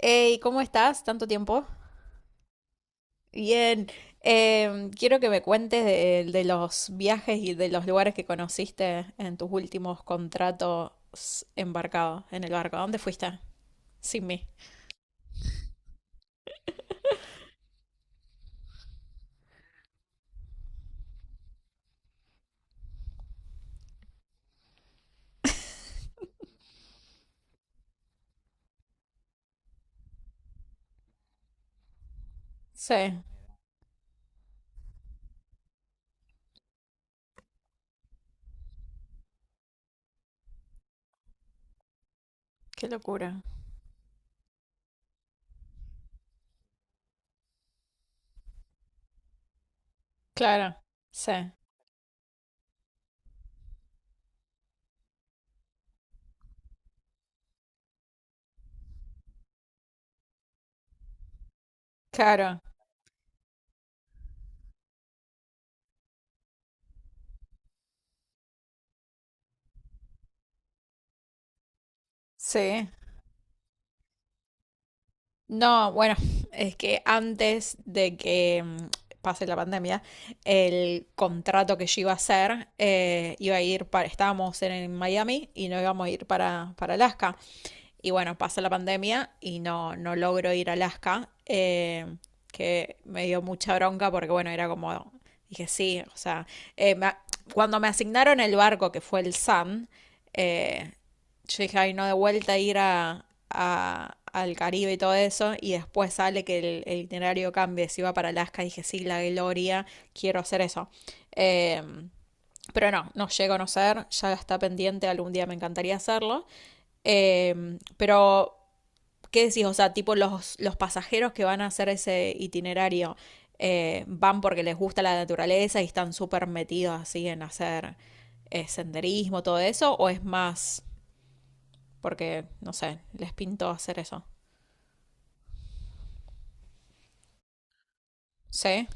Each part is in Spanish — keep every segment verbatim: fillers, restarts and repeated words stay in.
Hey, ¿cómo estás? ¿Tanto tiempo? Bien. Em, quiero que me cuentes de, de los viajes y de los lugares que conociste en tus últimos contratos embarcados en el barco. ¿A dónde fuiste? Sin mí. Sí, qué locura. Claro, sí, claro, sí. No, bueno, es que antes de que mm, pase la pandemia, el contrato que yo iba a hacer eh, iba a ir para, estábamos en, en Miami y no íbamos a ir para, para Alaska. Y bueno, pasa la pandemia y no, no logro ir a Alaska, eh, que me dio mucha bronca porque, bueno, era como, dije, sí, o sea, eh, me- cuando me asignaron el barco, que fue el Sun, eh, yo dije, ay, no, de vuelta ir a, a- al Caribe y todo eso, y después sale que el, el itinerario cambie, si iba para Alaska, dije, sí, la gloria, quiero hacer eso. Eh, pero no, no llego a conocer, ya está pendiente, algún día me encantaría hacerlo. Eh, pero, ¿qué decís? O sea, tipo los, los pasajeros que van a hacer ese itinerario eh, van porque les gusta la naturaleza y están súper metidos así en hacer eh, senderismo, todo eso, o es más porque, no sé, les pintó hacer eso. Sí,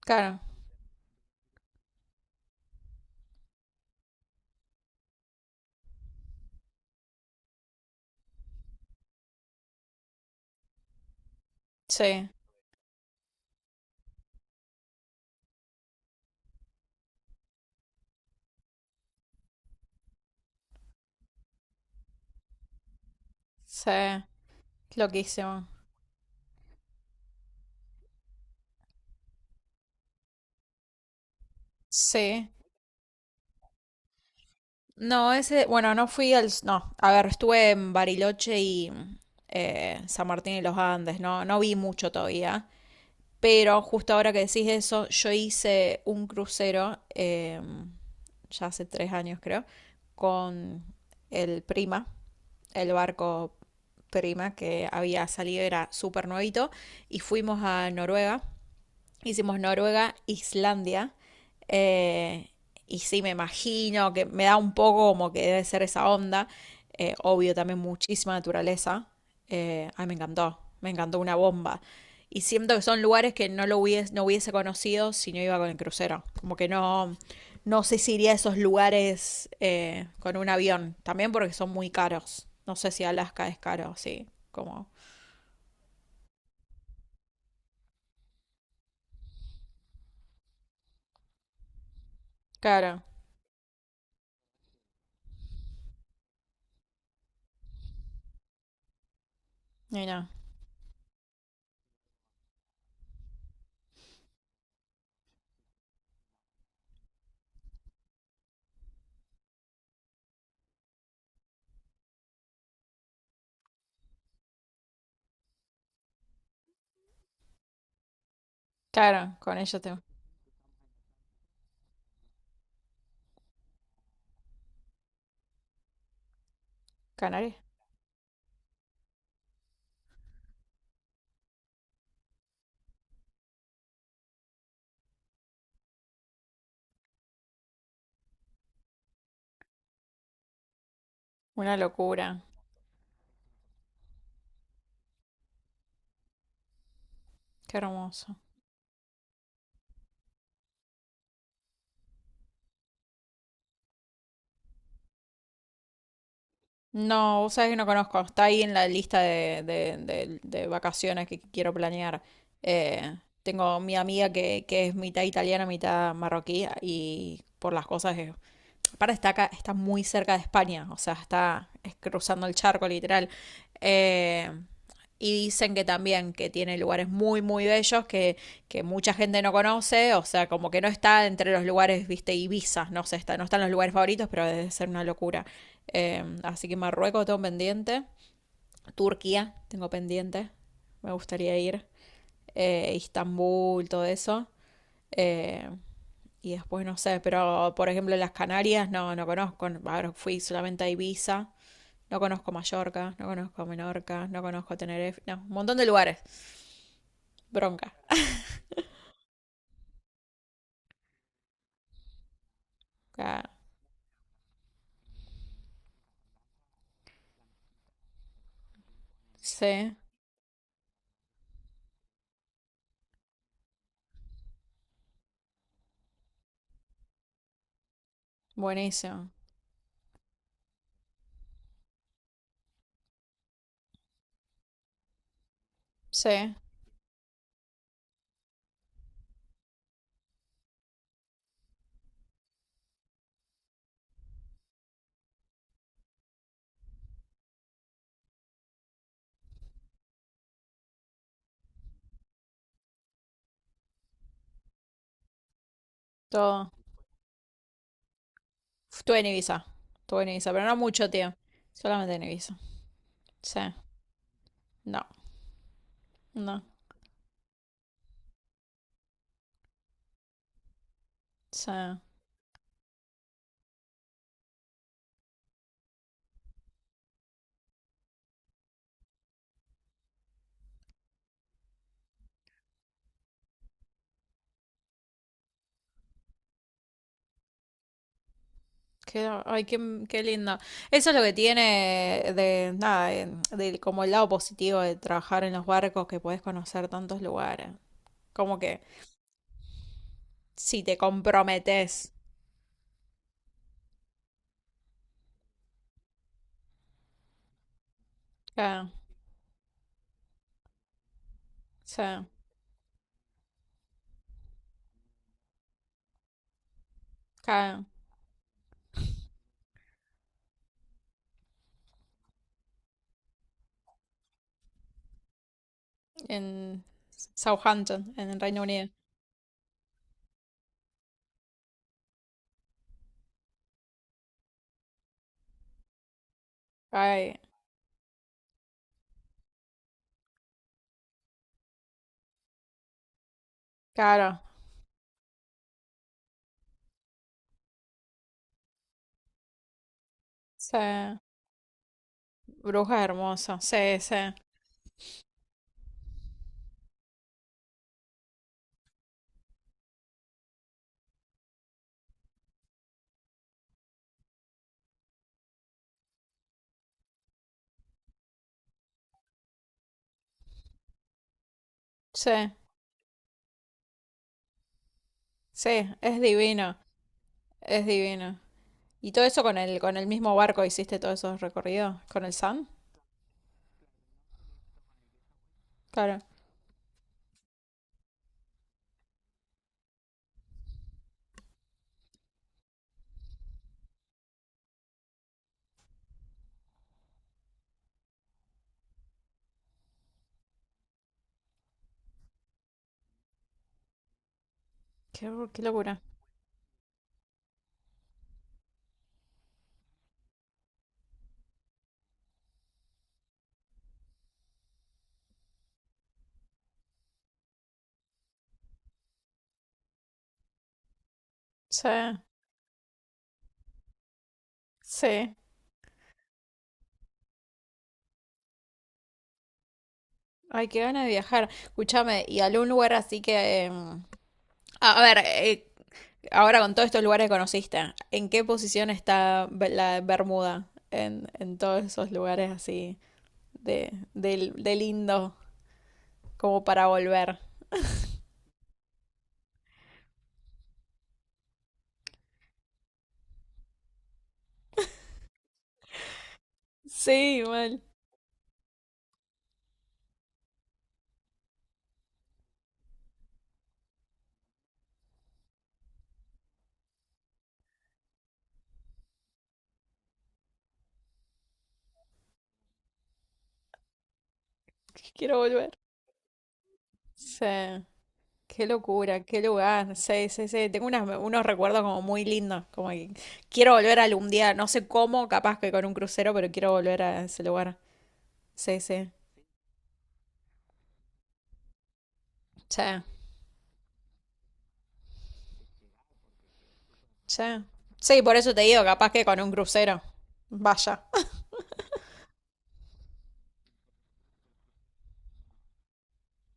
claro, sí, sí, loquísimo. Sí. No, ese, bueno, no fui al, no, a ver, estuve en Bariloche y eh, San Martín y los Andes, no, no vi mucho todavía. Pero justo ahora que decís eso, yo hice un crucero, eh, ya hace tres años creo, con el Prima, el barco Prima que había salido, era súper nuevito, y fuimos a Noruega. Hicimos Noruega, Islandia. eh, y sí, me imagino que me da un poco como que debe ser esa onda. Eh, obvio, también muchísima naturaleza. Eh, ay, me encantó. Me encantó una bomba. Y siento que son lugares que no lo hubiese, no hubiese conocido si no iba con el crucero. Como que no, no sé si iría a esos lugares eh, con un avión. También porque son muy caros. No sé si Alaska es caro, sí. Como. Claro. Mira. Claro, con ellos tengo. ¿Canarias? Una locura, qué hermoso. No, vos sabés que no conozco, está ahí en la lista de, de- de- de vacaciones que quiero planear. Eh, Tengo mi amiga que, que es mitad italiana, mitad marroquí y por las cosas es. Para está acá, está muy cerca de España, o sea, está cruzando el charco literal. Eh, y dicen que también que tiene lugares muy, muy bellos que, que mucha gente no conoce, o sea, como que no está entre los lugares, viste, Ibiza, no sé, está, no están los lugares favoritos, pero debe ser una locura. Eh, así que Marruecos tengo pendiente, Turquía tengo pendiente, me gustaría ir, eh, Istambul, todo eso. Eh, y después no sé, pero por ejemplo las Canarias no, no conozco. Ahora fui solamente a Ibiza. No conozco Mallorca, no conozco Menorca, no conozco Tenerife. No, un montón de lugares. Bronca. Ah, sí, buenísimo. Sí, todo. Estuve en Ibiza. Estuve en Ibiza, pero no mucho, tío. Solamente en Ibiza. Sí, no, no. Sí. Qué, ay, qué, qué lindo. Eso es lo que tiene de nada, de- del- como el lado positivo de trabajar en los barcos, que podés conocer tantos lugares. Como que si te comprometes. Claro, sí, claro. En Southampton, en el Reino Unido. Ay, claro, sí. Bruja hermosa, sí, sí, sí, sí, es divino, es divino. ¿Y todo eso con el, con el mismo barco hiciste todos esos recorridos? ¿Con el Sun? Claro. Qué, qué locura. Sí, sí. Ay, qué ganas de viajar. Escúchame, ¿y algún lugar así que... em, a a ver, eh, ahora con todos estos lugares que conociste, ¿en qué posición está Be- la Bermuda en, en todos esos lugares así de, del- de lindo como para volver? Sí, mal, quiero volver. Sí, qué locura, qué lugar. Sí, sí, sí, tengo unas- unos recuerdos como muy lindos, como que quiero volver algún día, no sé cómo, capaz que con un crucero, pero quiero volver a ese lugar. Sí, sí, sí, sí. Sí, por eso te digo, capaz que con un crucero. Vaya.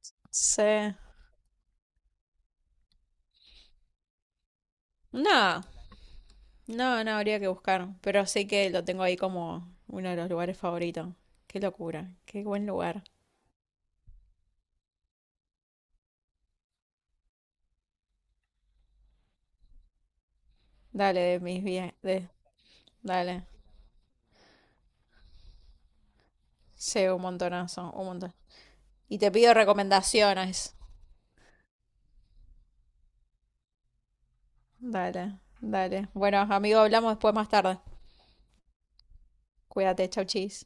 Sí. No, no, no habría que buscar, pero sí que lo tengo ahí como uno de los lugares favoritos. Qué locura, qué buen lugar. Dale, de mis viajes, dale, sí, un montonazo, un montón. Y te pido recomendaciones. Dale, dale. Bueno, amigo, hablamos después más tarde. Cuídate, chau, chis.